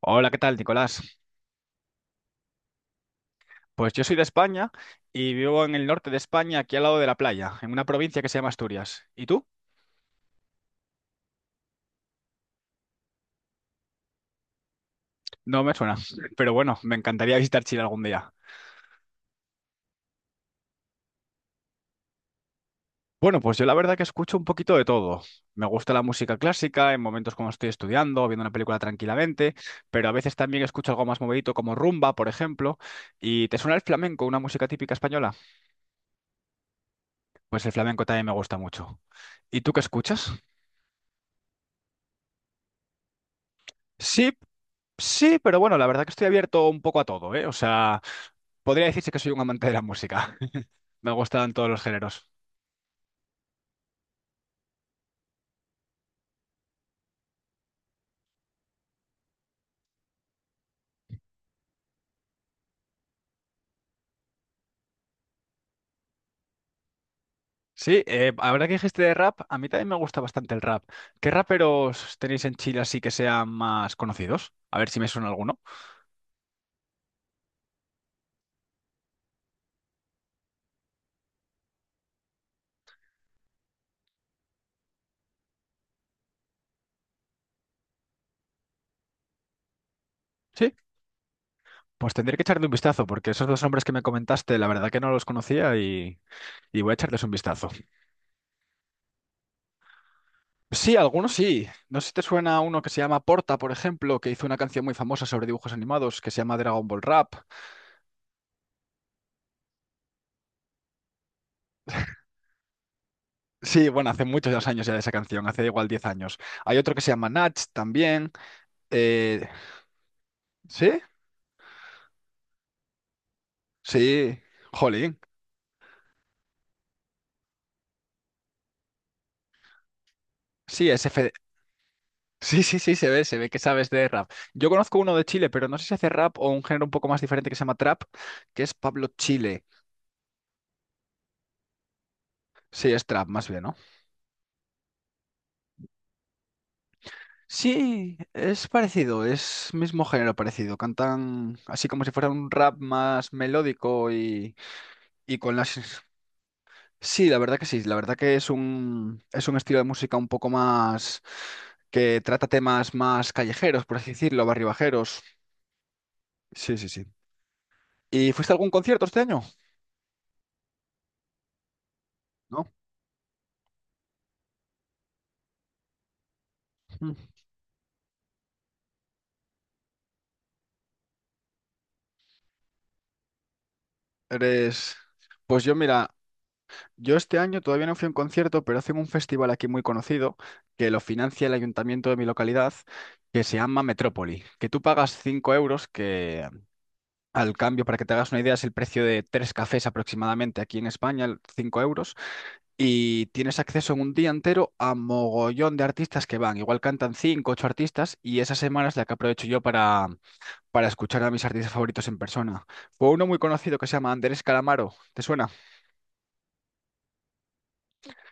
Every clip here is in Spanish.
Hola, ¿qué tal, Nicolás? Pues yo soy de España y vivo en el norte de España, aquí al lado de la playa, en una provincia que se llama Asturias. ¿Y tú? No me suena, pero bueno, me encantaría visitar Chile algún día. Bueno, pues yo la verdad que escucho un poquito de todo. Me gusta la música clásica en momentos cuando estoy estudiando, viendo una película tranquilamente, pero a veces también escucho algo más movidito como rumba, por ejemplo. ¿Y te suena el flamenco, una música típica española? Pues el flamenco también me gusta mucho. ¿Y tú qué escuchas? Sí, sí, pero bueno, la verdad que estoy abierto un poco a todo, ¿eh? O sea, podría decirse que soy un amante de la música. Me gustan todos los géneros. Sí, ahora que dijiste de rap, a mí también me gusta bastante el rap. ¿Qué raperos tenéis en Chile así que sean más conocidos? A ver si me suena alguno. Sí, pues tendré que echarle un vistazo, porque esos dos hombres que me comentaste, la verdad que no los conocía y voy a echarles un vistazo. Sí, algunos sí. No sé si te suena uno que se llama Porta, por ejemplo, que hizo una canción muy famosa sobre dibujos animados que se llama Dragon Ball Rap. Sí, bueno, hace muchos años ya de esa canción, hace igual 10 años. Hay otro que se llama Natch también. eh, ¿Sí? Sí, jolín. Sí, sí, sí, sí, se ve que sabes de rap. Yo conozco uno de Chile, pero no sé si hace rap o un género un poco más diferente que se llama trap, que es Pablo Chile. Sí, es trap, más bien, ¿no? Sí, es parecido, es mismo género parecido. Cantan así como si fuera un rap más melódico. Y con las Sí, la verdad que sí, la verdad que es un estilo de música un poco más que trata temas más callejeros, por así decirlo, barribajeros. Sí, sí, sí. ¿Y fuiste a algún concierto este año? ¿No? Mm. Eres... Pues yo, mira, yo este año todavía no fui a un concierto, pero hacen un festival aquí muy conocido que lo financia el ayuntamiento de mi localidad, que se llama Metrópoli, que tú pagas 5 euros, que al cambio, para que te hagas una idea, es el precio de tres cafés aproximadamente aquí en España, 5 euros. Y tienes acceso en un día entero a mogollón de artistas que van. Igual cantan cinco, ocho artistas y esa semana es la que aprovecho yo para escuchar a mis artistas favoritos en persona. Fue uno muy conocido que se llama Andrés Calamaro. ¿Te suena?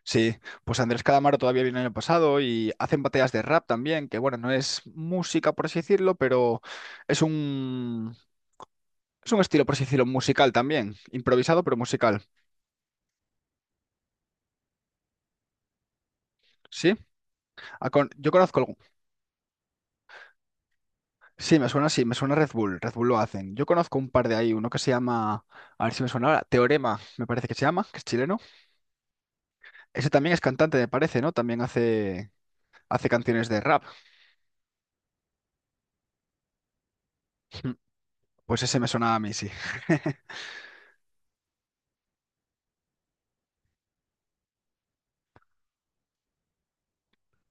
Sí, pues Andrés Calamaro todavía viene el año pasado y hacen batallas de rap también, que bueno, no es música por así decirlo, pero es un, es un estilo por así decirlo musical también. Improvisado pero musical. ¿Sí? A con- Yo conozco algún- Sí, me suena. Sí, me suena Red Bull. Red Bull lo hacen. Yo conozco un par de ahí, uno que se llama, a ver si me suena ahora, Teorema, me parece que se llama, que es chileno. Ese también es cantante, me parece, ¿no? También hace canciones de rap. Mm, Pues ese me suena a mí, sí.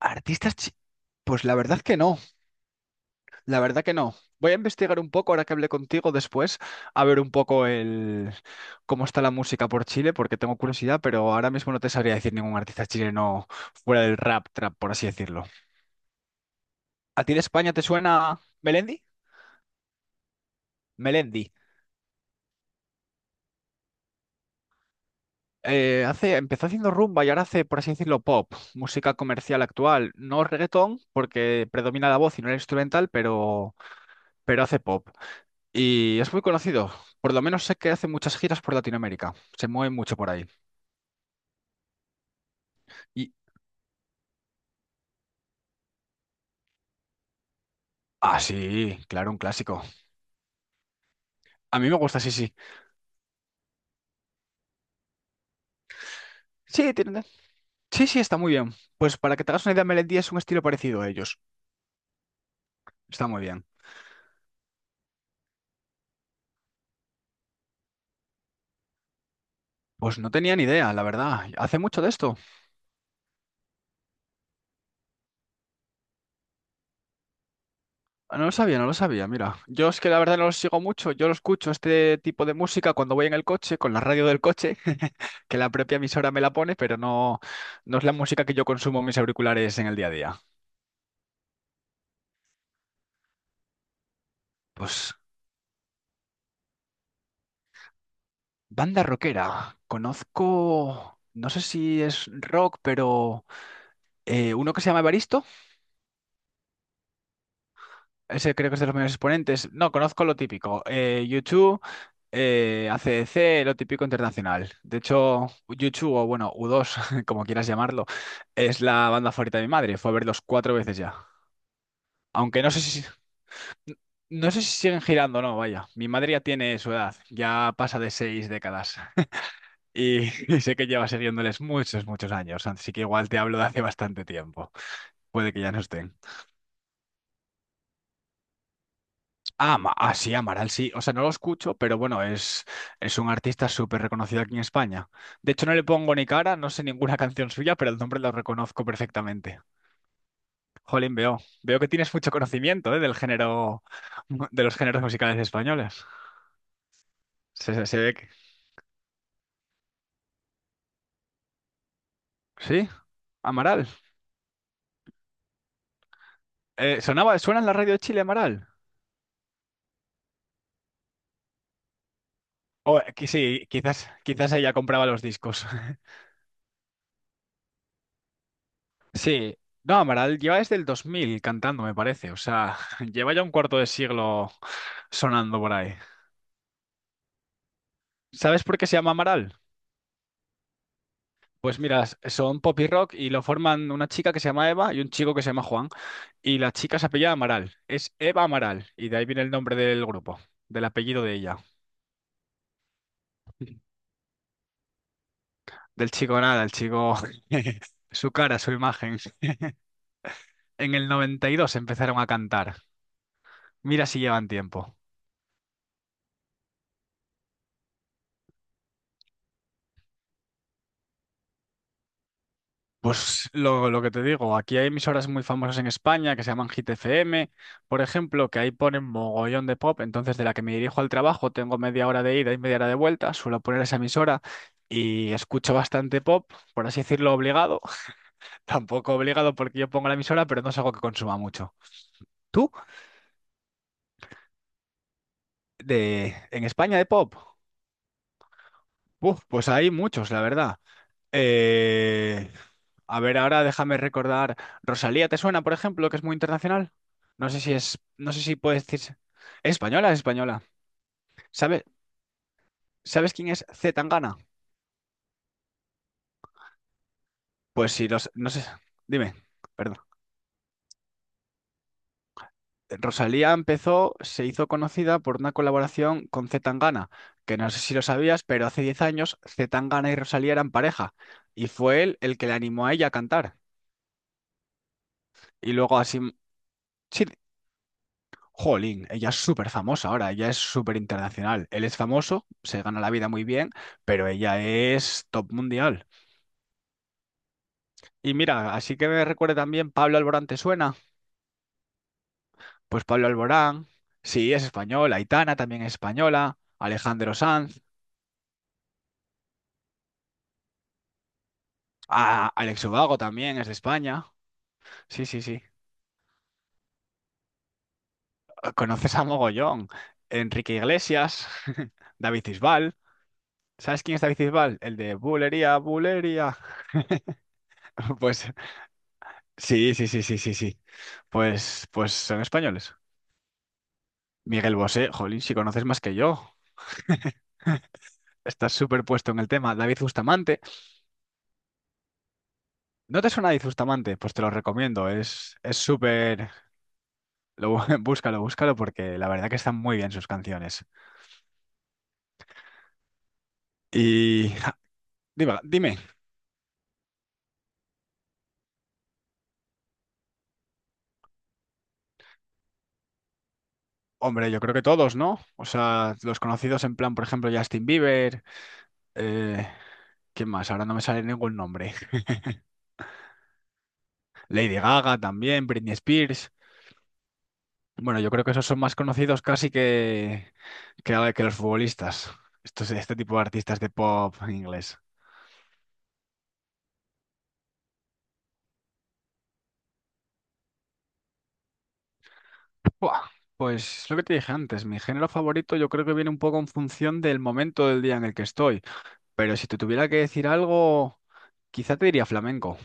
¿Artistas? Pues la verdad que no, la verdad que no. Voy a investigar un poco ahora que hablé contigo después, a ver un poco el cómo está la música por Chile, porque tengo curiosidad, pero ahora mismo no te sabría decir ningún artista chileno fuera del rap, trap, por así decirlo. ¿A ti de España te suena Melendi? Melendi. Empezó haciendo rumba y ahora hace, por así decirlo, pop, música comercial actual. No reggaetón, porque predomina la voz y no el instrumental, pero hace pop. Y es muy conocido. Por lo menos sé que hace muchas giras por Latinoamérica. Se mueve mucho por ahí. Y. Ah, sí, claro, un clásico. A mí me gusta, sí, sí. Sí, sí, sí, está muy bien. Pues para que te hagas una idea, Melendi es un estilo parecido a ellos. Está muy bien. Pues no tenía ni idea, la verdad. ¿Hace mucho de esto? Ah, no lo sabía, no lo sabía, mira. Yo es que la verdad no lo sigo mucho, yo lo escucho este tipo de música cuando voy en el coche, con la radio del coche, que la propia emisora me la pone, pero no, no es la música que yo consumo en mis auriculares en el día a día. Pues banda rockera, conozco, no sé si es rock, pero uno que se llama Evaristo. Ese creo que es de los mayores exponentes. No, conozco lo típico. U2, AC/DC, lo típico internacional. De hecho, YouTube o bueno, U2, como quieras llamarlo, es la banda favorita de mi madre. Fue a verlos cuatro veces ya. Aunque no sé si siguen girando o no, vaya. Mi madre ya tiene su edad, ya pasa de 6 décadas. Y, y sé que lleva siguiéndoles muchos, muchos años. Así que igual te hablo de hace bastante tiempo. Puede que ya no estén. Ah, sí, Amaral sí. O sea, no lo escucho, pero bueno, es un artista súper reconocido aquí en España. De hecho, no le pongo ni cara, no sé ninguna canción suya, pero el nombre lo reconozco perfectamente. Jolín, veo. Veo que tienes mucho conocimiento, ¿eh? Del género, de los géneros musicales españoles. Se, se- se ve que... Sí, Amaral. ¿Suena en la radio de Chile, Amaral? Sí, quizás, quizás ella compraba los discos. Sí, no, Amaral lleva desde el 2000 cantando, me parece. O sea, lleva ya un cuarto de siglo sonando por ahí. ¿Sabes por qué se llama Amaral? Pues mira, son pop y rock y lo forman una chica que se llama Eva y un chico que se llama Juan. Y la chica se apellida Amaral. Es Eva Amaral. Y de ahí viene el nombre del grupo, del apellido de ella. Del chico nada, el chico, su cara, su imagen. En el 92 empezaron a cantar. Mira si llevan tiempo. Pues lo que te digo, aquí hay emisoras muy famosas en España que se llaman Hit FM, por ejemplo, que ahí ponen mogollón de pop, entonces de la que me dirijo al trabajo tengo media hora de ida y media hora de vuelta, suelo poner esa emisora y escucho bastante pop, por así decirlo, obligado, tampoco obligado porque yo pongo la emisora, pero no es algo que consuma mucho. ¿Tú? En España de pop, uf, pues hay muchos, la verdad. Eh, a ver, ahora déjame recordar. Rosalía, ¿te suena, por ejemplo, que es muy internacional? No sé si puede decirse. ¿Es española? Es española. ¿Sabes, sabes quién es C. Tangana? Pues sí, no sé. Dime, perdón. Rosalía empezó, se hizo conocida por una colaboración con C. Tangana, que no sé si lo sabías, pero hace 10 años C. Tangana y Rosalía eran pareja, y fue él el que le animó a ella a cantar. Y luego así, sí, jolín, ella es súper famosa ahora, ella es súper internacional. Él es famoso, se gana la vida muy bien, pero ella es top mundial. Y mira, así que me recuerda también Pablo Alborán, ¿te suena? Pues Pablo Alborán, sí, es español, Aitana también es española, Alejandro Sanz, Alex Ubago también es de España. Sí, sí, sí. Conoces a mogollón, Enrique Iglesias, David Bisbal. ¿Sabes quién es David Bisbal? El de Bulería, Bulería. Pues sí, sí, sí, sí, sí, sí. Pues son españoles. Miguel Bosé, jolín, si conoces más que yo. Estás súper puesto en el tema. David Bustamante. ¿No te suena David Bustamante? Pues te lo recomiendo. Es súper. Búscalo, búscalo porque la verdad que están muy bien sus canciones. Y dime, dime. Hombre, yo creo que todos, ¿no? O sea, los conocidos en plan, por ejemplo, Justin Bieber. eh, ¿Quién más? Ahora no me sale ningún nombre. Lady Gaga también, Britney Spears. Bueno, yo creo que esos son más conocidos casi que los futbolistas. Este tipo de artistas de pop inglés. Buah, pues lo que te dije antes, mi género favorito yo creo que viene un poco en función del momento del día en el que estoy. Pero si te tuviera que decir algo, quizá te diría flamenco.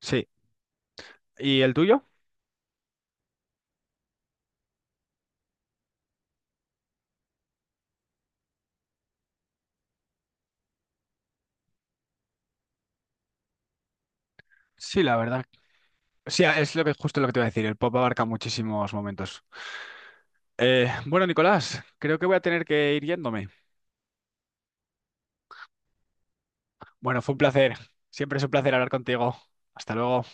Sí. ¿Y el tuyo? Sí, la verdad. Sí, es lo que justo lo que te iba a decir. El pop abarca muchísimos momentos. Bueno, Nicolás, creo que voy a tener que ir yéndome. Bueno, fue un placer. Siempre es un placer hablar contigo. Hasta luego.